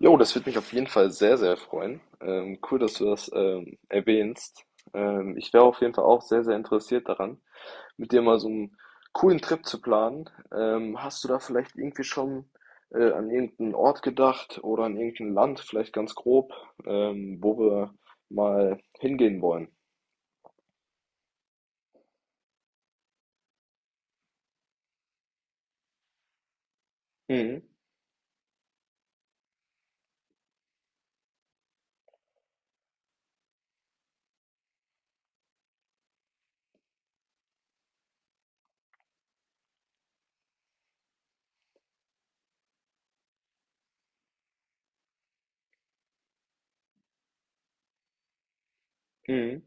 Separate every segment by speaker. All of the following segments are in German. Speaker 1: Jo, das würde mich auf jeden Fall sehr, sehr freuen. Cool, dass du das erwähnst. Ich wäre auf jeden Fall auch sehr, sehr interessiert daran, mit dir mal so einen coolen Trip zu planen. Hast du da vielleicht irgendwie schon an irgendeinen Ort gedacht oder an irgendein Land, vielleicht ganz grob, wo wir mal hingehen wollen? Mhm. Mhm.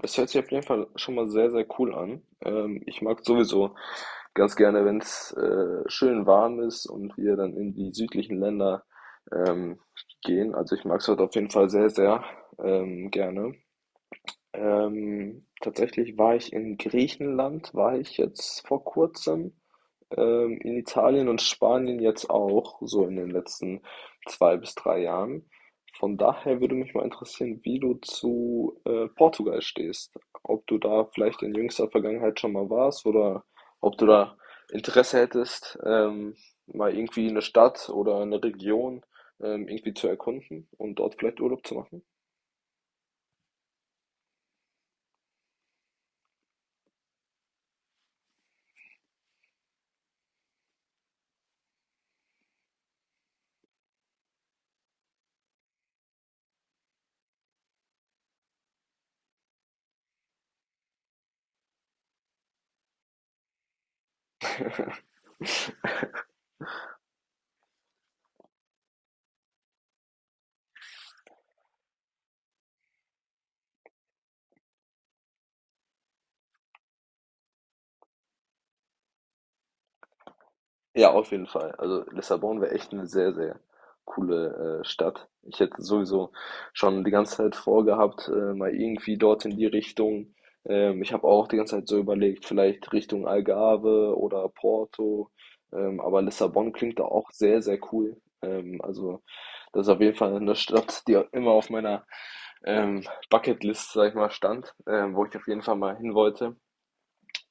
Speaker 1: Das hört sich auf jeden Fall schon mal sehr, sehr cool an. Ich mag sowieso ganz gerne, wenn es schön warm ist und wir dann in die südlichen Länder ähm, gehen. Also ich mag es dort auf jeden Fall sehr, sehr gerne. Tatsächlich war ich in Griechenland, war ich jetzt vor kurzem, in Italien und Spanien jetzt auch, so in den letzten zwei bis drei Jahren. Von daher würde mich mal interessieren, wie du zu Portugal stehst. Ob du da vielleicht in jüngster Vergangenheit schon mal warst oder ob du da Interesse hättest, mal irgendwie eine Stadt oder eine Region irgendwie zu erkunden und dort vielleicht Urlaub zu machen. Ja, auf jeden Fall. Also Lissabon wäre echt eine sehr, sehr coole Stadt. Ich hätte sowieso schon die ganze Zeit vorgehabt, mal irgendwie dort in die Richtung. Ich habe auch die ganze Zeit so überlegt, vielleicht Richtung Algarve oder Porto. Aber Lissabon klingt da auch sehr, sehr cool. Also das ist auf jeden Fall eine Stadt, die immer auf meiner ähm, Bucketlist, sag ich mal, stand, wo ich auf jeden Fall mal hin wollte.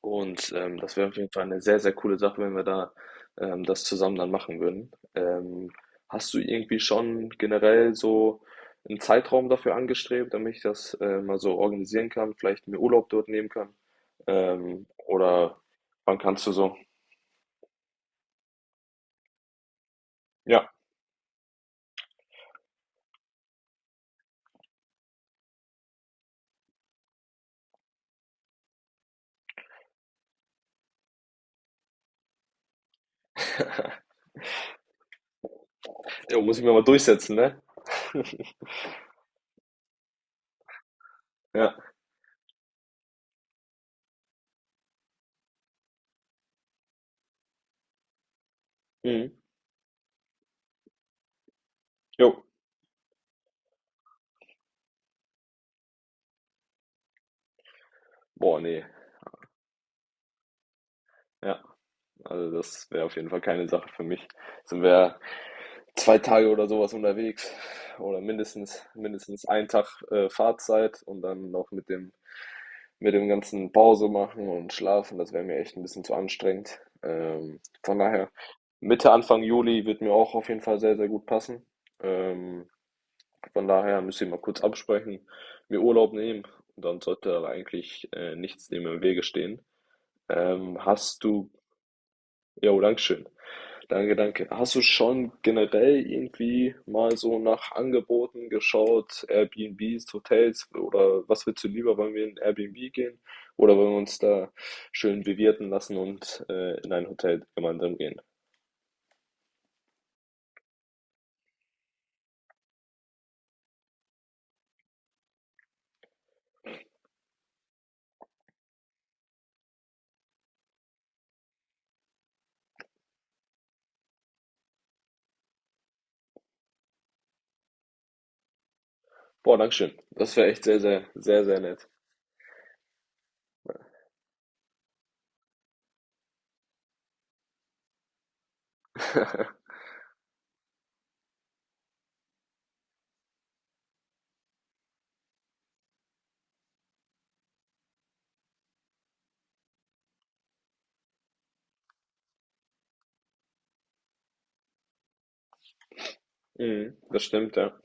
Speaker 1: Und das wäre auf jeden Fall eine sehr, sehr coole Sache, wenn wir da das zusammen dann machen würden. Hast du irgendwie schon generell so einen Zeitraum dafür angestrebt, damit ich das mal so organisieren kann, vielleicht mir Urlaub dort nehmen kann? Oder wann kannst du so? Ja, jo, muss ich mir mal durchsetzen, ne? Ja. Mhm. Jo. Boah, nee. Ja, also das wäre auf jeden Fall keine Sache für mich. Sind wir 2 Tage oder sowas unterwegs oder mindestens einen Tag, Fahrzeit und dann noch mit dem ganzen Pause machen und schlafen, das wäre mir echt ein bisschen zu anstrengend. Von daher, Mitte, Anfang Juli wird mir auch auf jeden Fall sehr, sehr gut passen. Ähm, von daher müsst ihr mal kurz absprechen, mir Urlaub nehmen und dann sollte da eigentlich, nichts dem im Wege stehen. Hast du Ja, danke schön. Danke, danke. Hast du schon generell irgendwie mal so nach Angeboten geschaut, Airbnbs, Hotels oder was willst du lieber? Wollen wir in Airbnb gehen oder wollen wir uns da schön bewirten lassen und in ein Hotel gemeinsam gehen? Boah, Dankeschön. Das wäre echt sehr, sehr, sehr, sehr nett. Mhm, das stimmt, ja.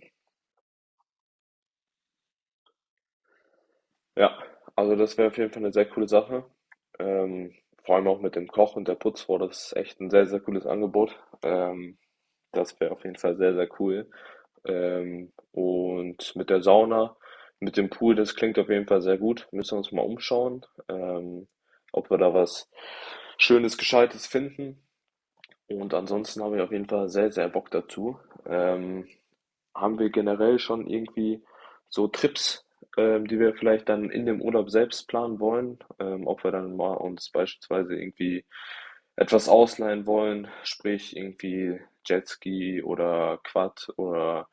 Speaker 1: Ja, also das wäre auf jeden Fall eine sehr coole Sache. Ähm, Vor allem auch mit dem Koch und der Putzfrau, das ist echt ein sehr, sehr cooles Angebot. Ähm, Das wäre auf jeden Fall sehr, sehr cool. Und mit der Sauna, mit dem Pool, das klingt auf jeden Fall sehr gut. Müssen wir uns mal umschauen, ob wir da was Schönes, Gescheites finden. Und ansonsten habe ich auf jeden Fall sehr, sehr Bock dazu. Ähm, Haben wir generell schon irgendwie so Trips, die wir vielleicht dann in dem Urlaub selbst planen wollen, ob wir dann mal uns beispielsweise irgendwie etwas ausleihen wollen, sprich irgendwie Jetski oder Quad oder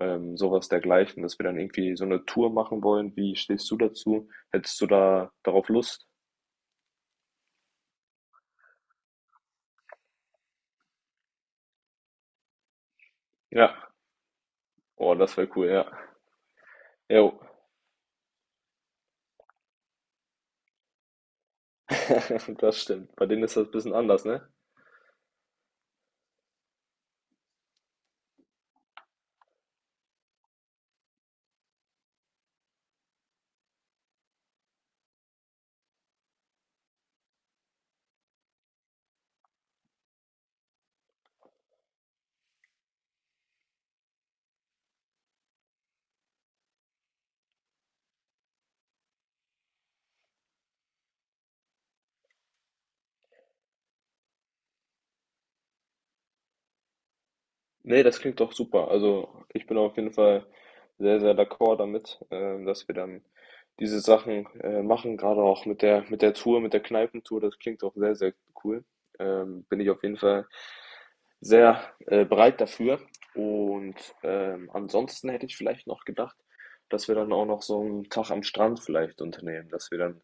Speaker 1: sowas dergleichen, dass wir dann irgendwie so eine Tour machen wollen. Wie stehst du dazu? Hättest du da darauf Lust? Ja. Oh, das wäre cool, ja. Jo, das stimmt. Bei denen ist das ein bisschen anders, ne? Ne, das klingt doch super. Also, ich bin auf jeden Fall sehr, sehr d'accord damit, dass wir dann diese Sachen machen, gerade auch mit der Tour, mit der Kneipentour. Das klingt auch sehr, sehr cool. Bin ich auf jeden Fall sehr bereit dafür. Und ansonsten hätte ich vielleicht noch gedacht, dass wir dann auch noch so einen Tag am Strand vielleicht unternehmen, dass wir dann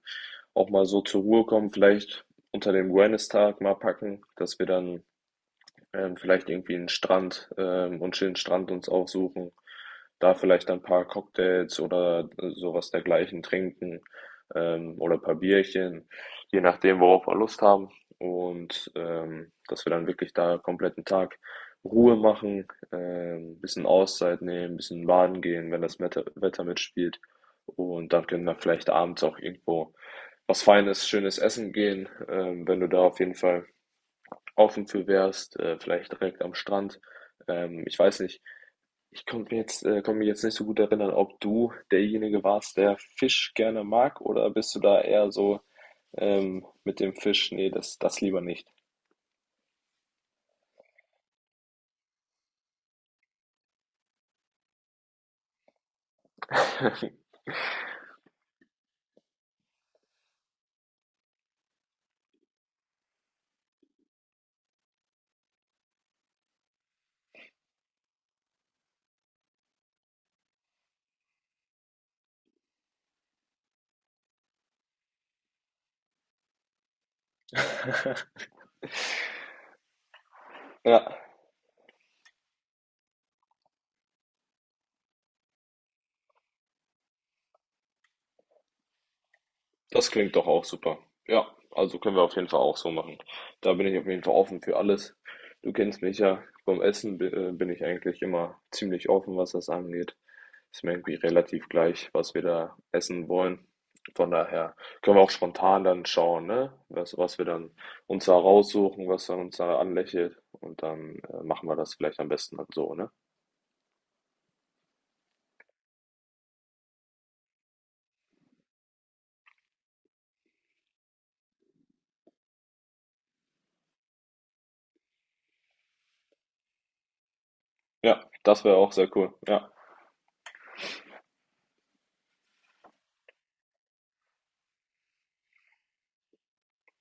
Speaker 1: auch mal so zur Ruhe kommen, vielleicht unter dem Wellness-Tag mal packen, dass wir dann vielleicht irgendwie einen Strand, und schönen Strand uns aufsuchen. Da vielleicht ein paar Cocktails oder sowas dergleichen trinken, oder ein paar Bierchen, je nachdem, worauf wir Lust haben. Und, dass wir dann wirklich da einen kompletten Tag Ruhe machen, bisschen Auszeit nehmen, bisschen baden gehen, wenn das Wetter mitspielt. Und dann können wir vielleicht abends auch irgendwo was Feines, schönes essen gehen, wenn du da auf jeden Fall offen für wärst, vielleicht direkt am Strand. Ich weiß nicht. Ich konnte mir jetzt, konnte mich jetzt nicht so gut erinnern, ob du derjenige warst, der Fisch gerne mag, oder bist du da eher so mit dem Fisch? Nee, das, das lieber nicht. Ja, das klingt doch auch super. Ja, also können wir auf jeden Fall auch so machen. Da bin ich auf jeden Fall offen für alles. Du kennst mich ja, beim Essen bin ich eigentlich immer ziemlich offen, was das angeht. Ist mir irgendwie relativ gleich, was wir da essen wollen. Von daher können wir auch spontan dann schauen, ne? Was, was wir dann uns da raussuchen, was dann uns da anlächelt. Und dann machen wir das vielleicht am besten dann so, ne? Ja, das wäre auch sehr cool. Ja.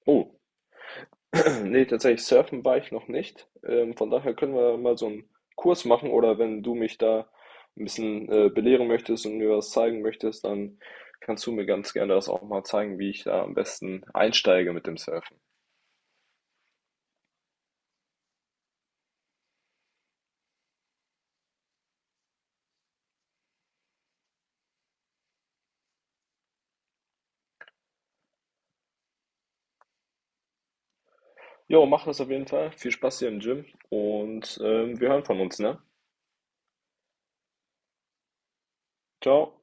Speaker 1: Oh, nee, tatsächlich surfen war ich noch nicht. Von daher können wir mal so einen Kurs machen oder wenn du mich da ein bisschen belehren möchtest und mir was zeigen möchtest, dann kannst du mir ganz gerne das auch mal zeigen, wie ich da am besten einsteige mit dem Surfen. Jo, mach das auf jeden Fall. Viel Spaß hier im Gym und wir hören von uns, ne? Ciao.